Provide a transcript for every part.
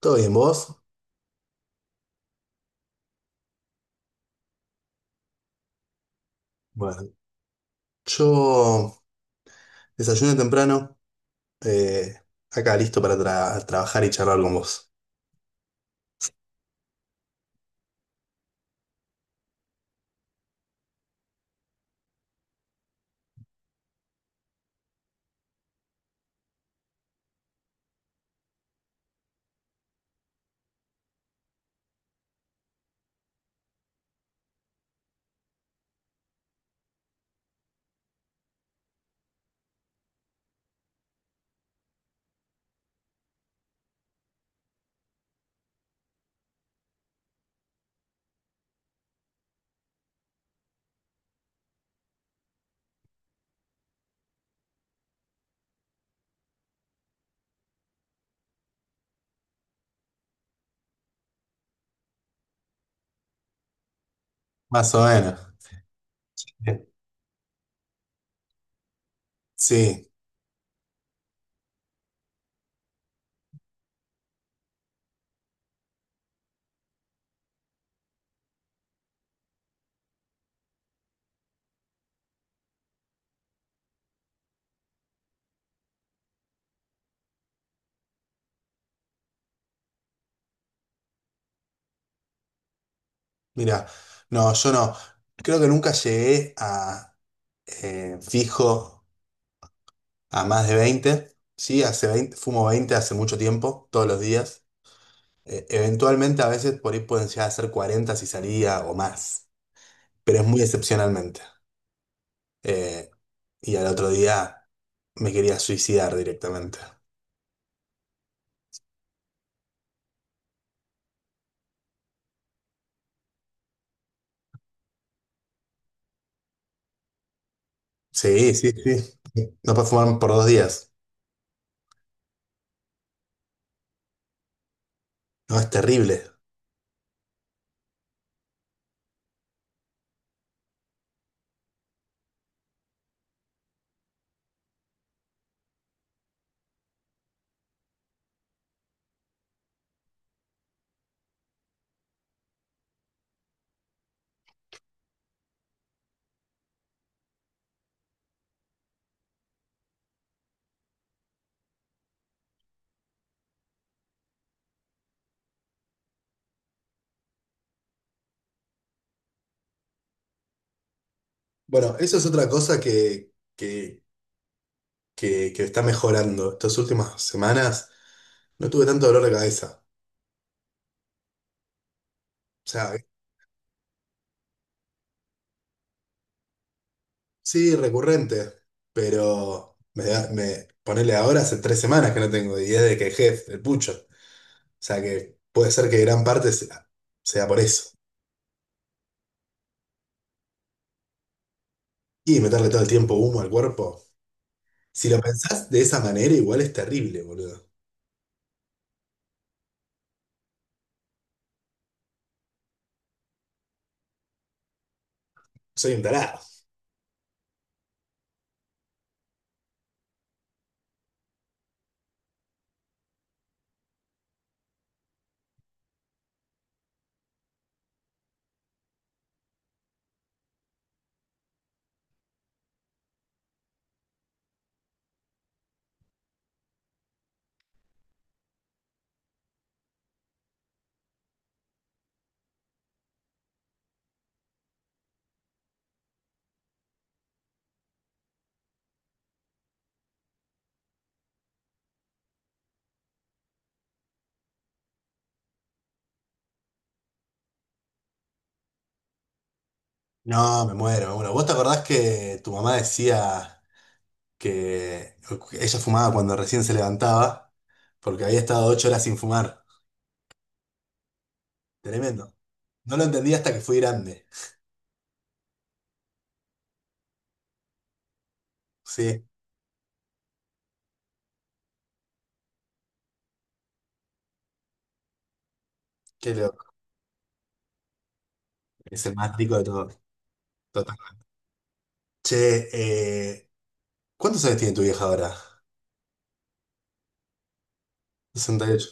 ¿Todo bien, vos? Bueno, yo desayuno temprano, eh, acá listo para trabajar y charlar con vos. Más o menos. Bien. Sí, mira, no, yo no. Creo que nunca llegué a fijo a más de 20. Sí, hace 20 fumo 20 hace mucho tiempo, todos los días. Eventualmente a veces por ahí pueden llegar a ser 40 si salía o más, pero es muy excepcionalmente. Eh, y al otro día me quería suicidar directamente. Sí, sí, sí. No puedes fumar por 2 días. No, es terrible. Bueno, eso es otra cosa que está mejorando. Estas últimas semanas no tuve tanto dolor de cabeza. O sea, sí, recurrente, pero me ponele ahora hace 3 semanas que no tengo, y es de que dejé el pucho. O sea que puede ser que gran parte sea por eso. Y meterle todo el tiempo humo al cuerpo. Si lo pensás de esa manera, igual es terrible, boludo. Soy un tarado. No, me muero. Bueno, ¿vos te acordás que tu mamá decía que ella fumaba cuando recién se levantaba porque había estado 8 horas sin fumar? Tremendo. No lo entendí hasta que fui grande. Sí, qué loco. Es el más rico de todos. Total. Che, eh, ¿cuántos años tiene tu vieja ahora? 68.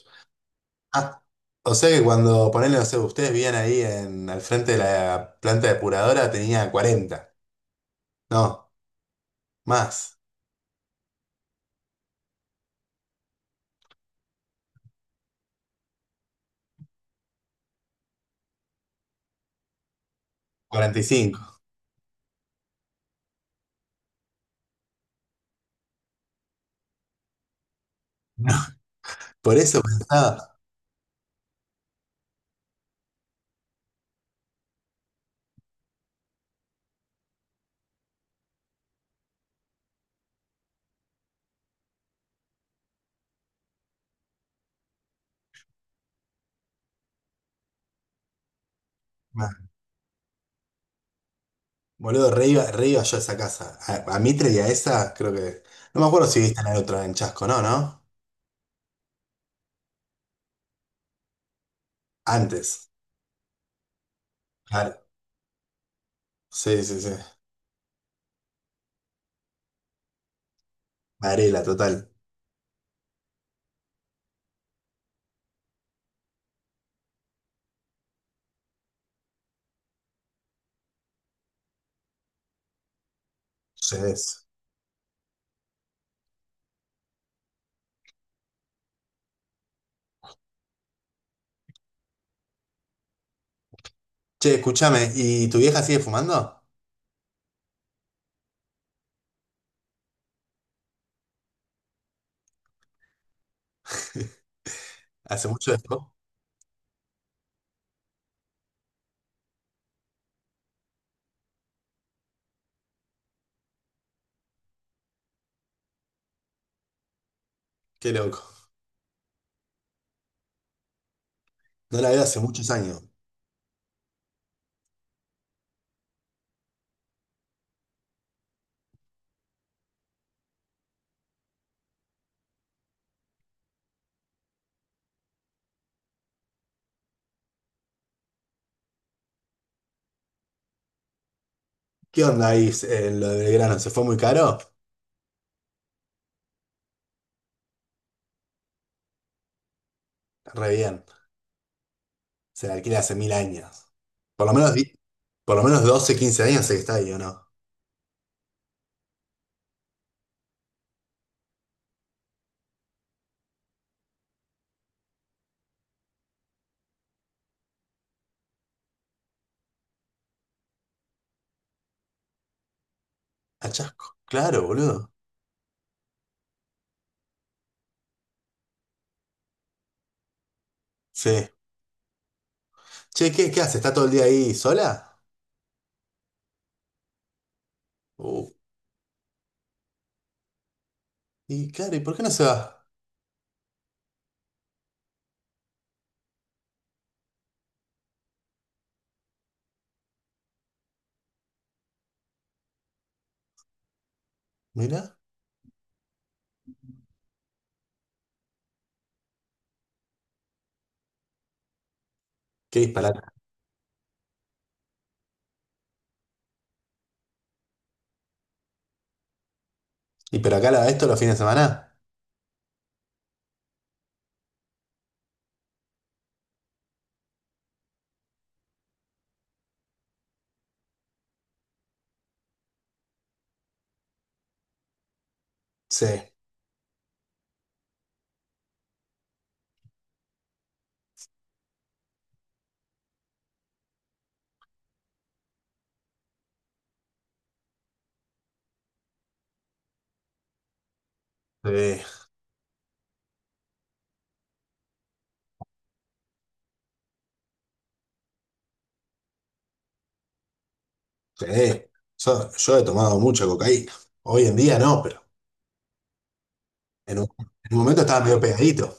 Ah, o sea que cuando ponerle, no sé, ustedes vivían ahí en, al frente de la planta depuradora, tenía 40. No, más. 45. No, por eso pensaba. Boludo, re iba yo a esa casa. A Mitre y a esa, creo que. No me acuerdo si viste en el otro, en Chasco, ¿no? ¿No? Antes. Claro. Sí, sí, sí. Varela, total. Sí, es. Che, escúchame, ¿y tu vieja sigue fumando? ¿Hace mucho esto? Qué loco. No la veo hace muchos años. ¿Qué onda ahí en lo de Belgrano? ¿Se fue muy caro? Re bien. Se la alquila hace mil años. Por lo menos, por lo menos 12, 15 años sé que está ahí, ¿o no? A Chasco. Claro, boludo. Sí. Che, ¿qué, qué hace? ¿Está todo el día ahí sola? Uh, y claro, ¿y por qué no se va? Mira, qué disparate. ¿Y pero acá la, esto los fines de semana? Sí, sí, sí. Yo he tomado mucha cocaína. Hoy en día no, pero en un momento estaba medio pegadito.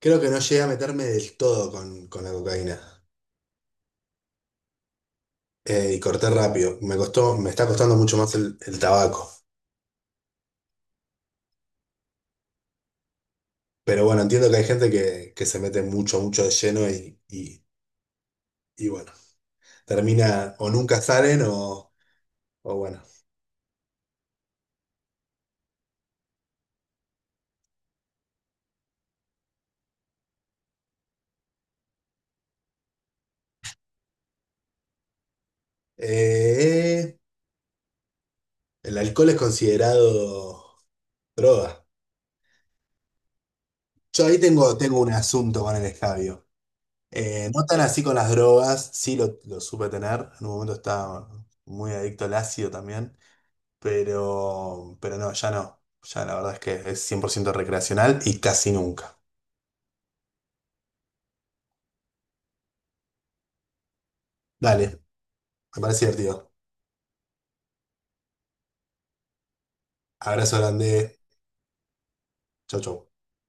Creo que no llegué a meterme del todo con la cocaína. Y corté rápido. Me costó, me está costando mucho más el tabaco. Pero bueno, entiendo que hay gente que se mete mucho, mucho de lleno y bueno, termina o nunca salen o bueno. Eh, El alcohol es considerado droga. Yo ahí tengo un asunto con el escabio. No tan así con las drogas, sí lo supe tener. En un momento estaba muy adicto al ácido también, pero no, ya no. Ya la verdad es que es 100% recreacional y casi nunca. Dale, me parece divertido. Abrazo grande. Chau, chau.